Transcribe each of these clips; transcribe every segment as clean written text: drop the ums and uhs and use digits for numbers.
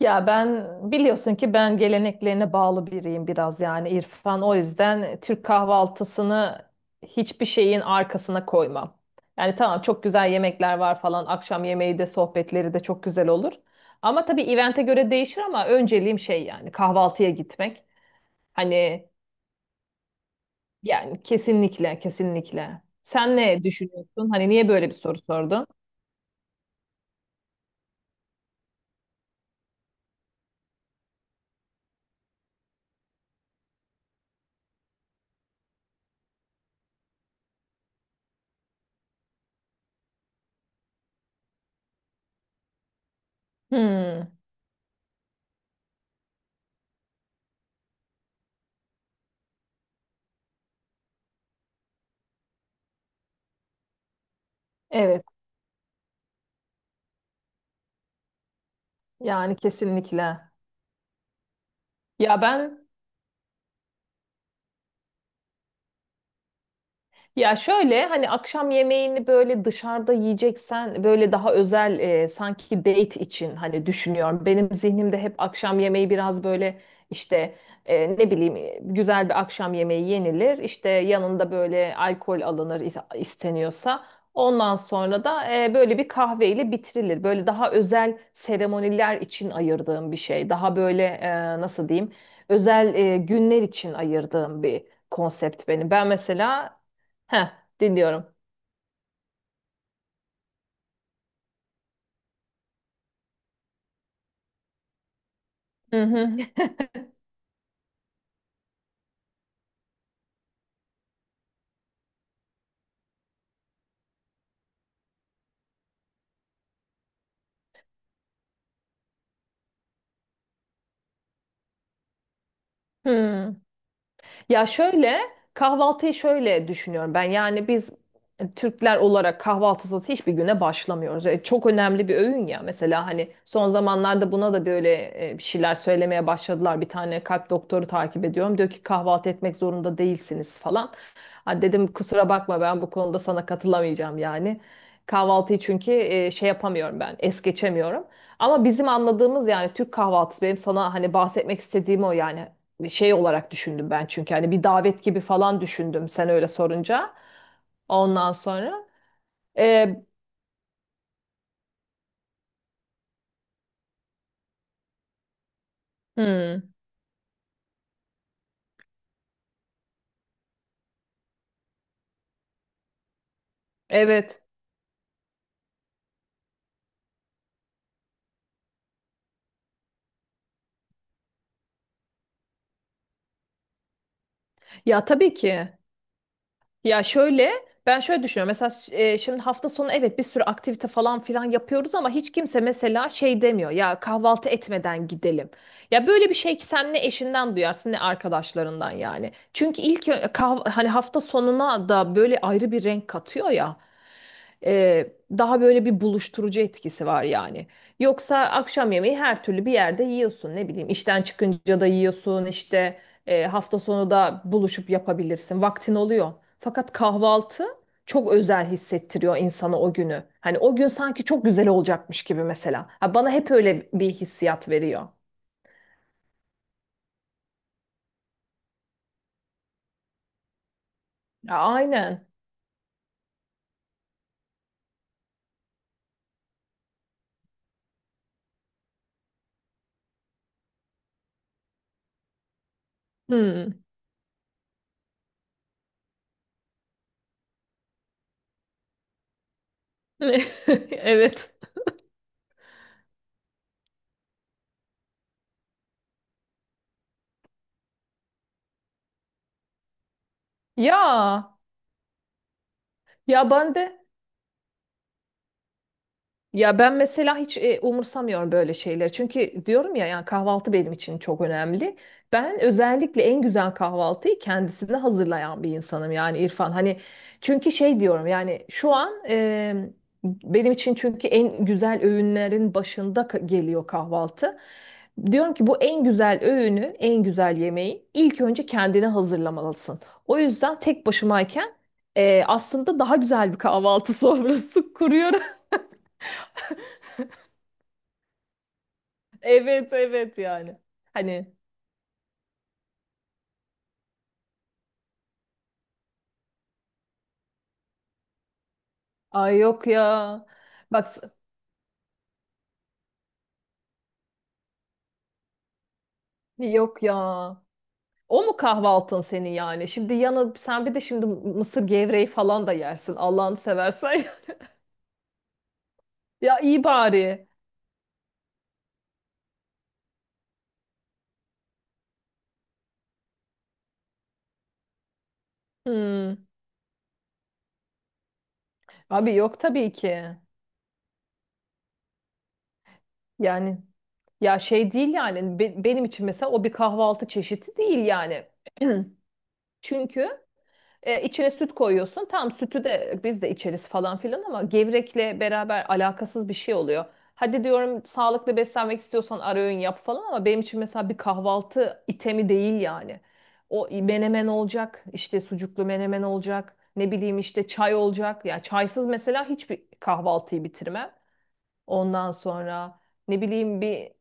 Ya, biliyorsun ki ben geleneklerine bağlı biriyim biraz yani İrfan. O yüzden Türk kahvaltısını hiçbir şeyin arkasına koymam. Yani tamam, çok güzel yemekler var falan. Akşam yemeği de sohbetleri de çok güzel olur. Ama tabii evente göre değişir, ama önceliğim şey, yani kahvaltıya gitmek. Hani, yani kesinlikle kesinlikle. Sen ne düşünüyorsun? Hani niye böyle bir soru sordun? Hmm, evet, yani kesinlikle. Ya ben Ya şöyle, hani akşam yemeğini böyle dışarıda yiyeceksen böyle daha özel, sanki date için hani düşünüyorum. Benim zihnimde hep akşam yemeği biraz böyle işte, ne bileyim, güzel bir akşam yemeği yenilir. İşte yanında böyle alkol alınır, isteniyorsa. Ondan sonra da, böyle bir kahveyle bitirilir. Böyle daha özel seremoniler için ayırdığım bir şey. Daha böyle, nasıl diyeyim, özel günler için ayırdığım bir konsept benim. Ben mesela Heh, dinliyorum. Hı hı. Hı. Ya şöyle, kahvaltıyı şöyle düşünüyorum ben. Yani biz, Türkler olarak kahvaltısız hiçbir güne başlamıyoruz. Çok önemli bir öğün ya. Mesela hani son zamanlarda buna da böyle, bir şeyler söylemeye başladılar. Bir tane kalp doktoru takip ediyorum. Diyor ki kahvaltı etmek zorunda değilsiniz falan. Ha, dedim, kusura bakma, ben bu konuda sana katılamayacağım yani. Kahvaltıyı çünkü, şey yapamıyorum ben, es geçemiyorum. Ama bizim anladığımız yani Türk kahvaltısı, benim sana hani bahsetmek istediğim o, yani şey olarak düşündüm ben, çünkü hani bir davet gibi falan düşündüm sen öyle sorunca. Ondan sonra, e, hmm, evet. Ya, tabii ki. Ya şöyle, ben şöyle düşünüyorum mesela. Şimdi hafta sonu, evet, bir sürü aktivite falan filan yapıyoruz, ama hiç kimse mesela şey demiyor ya, kahvaltı etmeden gidelim. Ya böyle bir şey ki sen ne eşinden duyarsın ne arkadaşlarından yani. Çünkü ilk hani hafta sonuna da böyle ayrı bir renk katıyor ya. Ee, daha böyle bir buluşturucu etkisi var yani. Yoksa akşam yemeği her türlü bir yerde yiyorsun, ne bileyim işten çıkınca da yiyorsun, işte hafta sonu da buluşup yapabilirsin, vaktin oluyor. Fakat kahvaltı çok özel hissettiriyor insana o günü. Hani o gün sanki çok güzel olacakmış gibi mesela. Ha, bana hep öyle bir hissiyat veriyor. Ya, aynen. Hmm. Evet. Ya ya ben de Ya ben mesela hiç umursamıyorum böyle şeyleri. Çünkü diyorum ya, yani kahvaltı benim için çok önemli. Ben özellikle en güzel kahvaltıyı kendisine hazırlayan bir insanım yani İrfan. Hani çünkü şey diyorum, yani şu an, benim için çünkü en güzel öğünlerin başında geliyor kahvaltı. Diyorum ki bu en güzel öğünü, en güzel yemeği ilk önce kendine hazırlamalısın. O yüzden tek başımayken, aslında daha güzel bir kahvaltı sofrası kuruyorum. Evet evet yani. Hani ay, yok ya. Bak, yok ya. O mu kahvaltın senin yani? Şimdi yanı sen bir de şimdi mısır gevreği falan da yersin. Allah'ını seversen. Ya iyi bari. Hmm. Abi yok tabii ki. Yani ya şey değil yani, benim için mesela o bir kahvaltı çeşidi değil yani. Çünkü içine süt koyuyorsun. Tam sütü de biz de içeriz falan filan, ama gevrekle beraber alakasız bir şey oluyor. Hadi diyorum sağlıklı beslenmek istiyorsan ara öğün yap falan, ama benim için mesela bir kahvaltı itemi değil yani. O menemen olacak, işte sucuklu menemen olacak, ne bileyim işte çay olacak. Ya çaysız mesela hiçbir kahvaltıyı bitirmem. Ondan sonra, ne bileyim bir...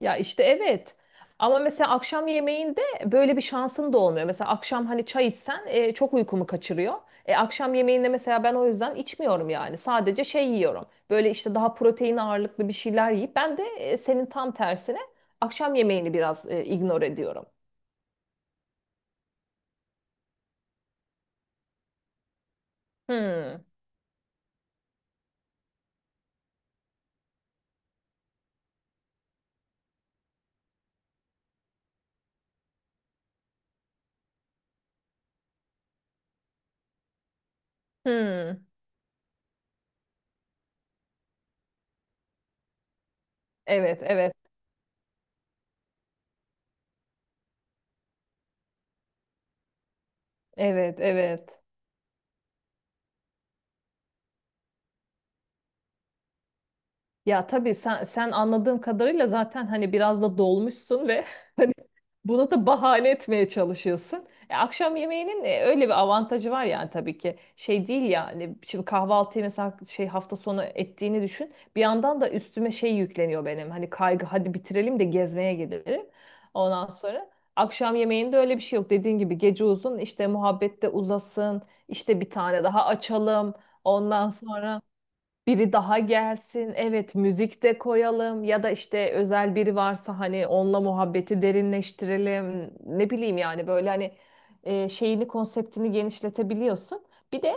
Ya işte, evet. Ama mesela akşam yemeğinde böyle bir şansın da olmuyor. Mesela akşam hani çay içsen, çok uykumu kaçırıyor. Akşam yemeğinde mesela ben o yüzden içmiyorum yani. Sadece şey yiyorum. Böyle işte daha protein ağırlıklı bir şeyler yiyip, ben de, senin tam tersine akşam yemeğini biraz ignore ediyorum. Hmm. Hmm. Evet, evet. Evet, evet. Ya tabii, sen anladığım kadarıyla zaten hani biraz da dolmuşsun ve hani bunu da bahane etmeye çalışıyorsun. Akşam yemeğinin öyle bir avantajı var yani tabii ki. Şey değil yani, şimdi kahvaltıyı mesela şey hafta sonu ettiğini düşün. Bir yandan da üstüme şey yükleniyor benim. Hani kaygı, hadi bitirelim de gezmeye gidelim. Ondan sonra akşam yemeğinde öyle bir şey yok. Dediğin gibi, gece uzun, işte muhabbette uzasın. İşte bir tane daha açalım. Ondan sonra biri daha gelsin. Evet, müzik de koyalım, ya da işte özel biri varsa hani onunla muhabbeti derinleştirelim. Ne bileyim yani böyle hani, şeyini, konseptini genişletebiliyorsun. Bir de,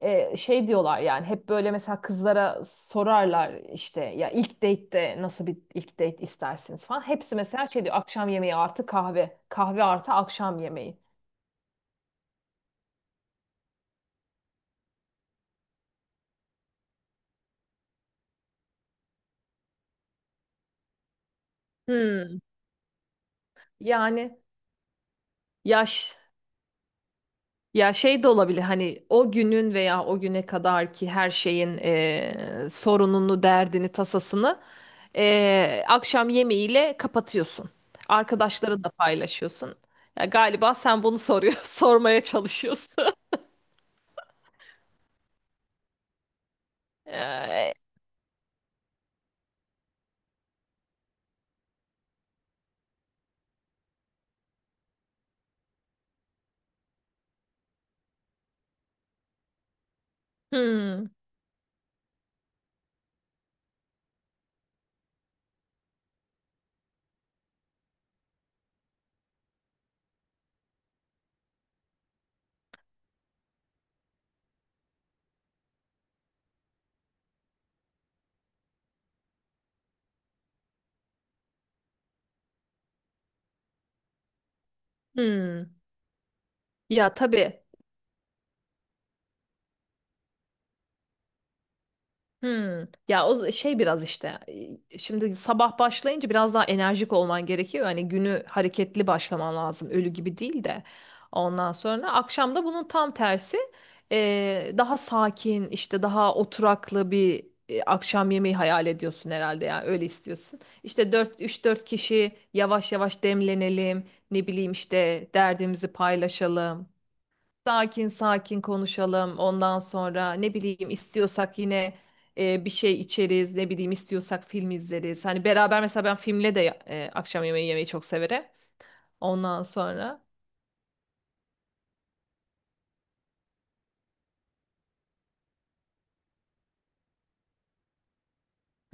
şey diyorlar yani, hep böyle mesela kızlara sorarlar işte ya, ilk date'te nasıl bir ilk date istersiniz falan. Hepsi mesela şey diyor, akşam yemeği artı kahve, kahve artı akşam yemeği. Hmm. Yani, yaş Ya şey de olabilir, hani o günün veya o güne kadar ki her şeyin, sorununu, derdini, tasasını, akşam yemeğiyle kapatıyorsun. Arkadaşlara da paylaşıyorsun. Ya galiba sen bunu soruyor, sormaya çalışıyorsun. Eee, hmm, hmm. Ya tabii. Hmm. Ya şey, biraz işte, şimdi sabah başlayınca biraz daha enerjik olman gerekiyor. Hani günü hareketli başlaman lazım. Ölü gibi değil de. Ondan sonra akşam da bunun tam tersi, daha sakin, işte daha oturaklı bir akşam yemeği hayal ediyorsun herhalde. Ya öyle istiyorsun. İşte 4 3-4 kişi yavaş yavaş demlenelim. Ne bileyim işte derdimizi paylaşalım. Sakin sakin konuşalım. Ondan sonra, ne bileyim istiyorsak yine, bir şey içeriz. Ne bileyim istiyorsak film izleriz. Hani beraber, mesela ben filmle de, akşam yemeği yemeyi çok severim. Ondan sonra.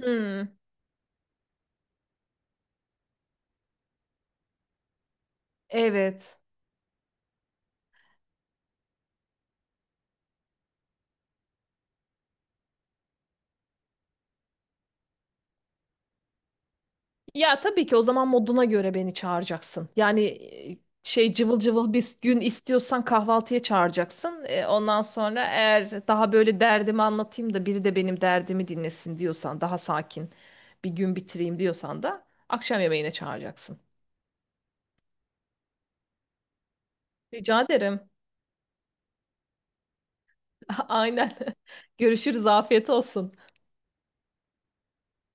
Hmm, evet. Ya tabii ki, o zaman moduna göre beni çağıracaksın. Yani, e, şey cıvıl cıvıl bir gün istiyorsan kahvaltıya çağıracaksın. Ondan sonra, eğer daha böyle derdimi anlatayım da biri de benim derdimi dinlesin diyorsan, daha sakin bir gün bitireyim diyorsan da akşam yemeğine çağıracaksın. Rica ederim. Aynen. Görüşürüz. Afiyet olsun.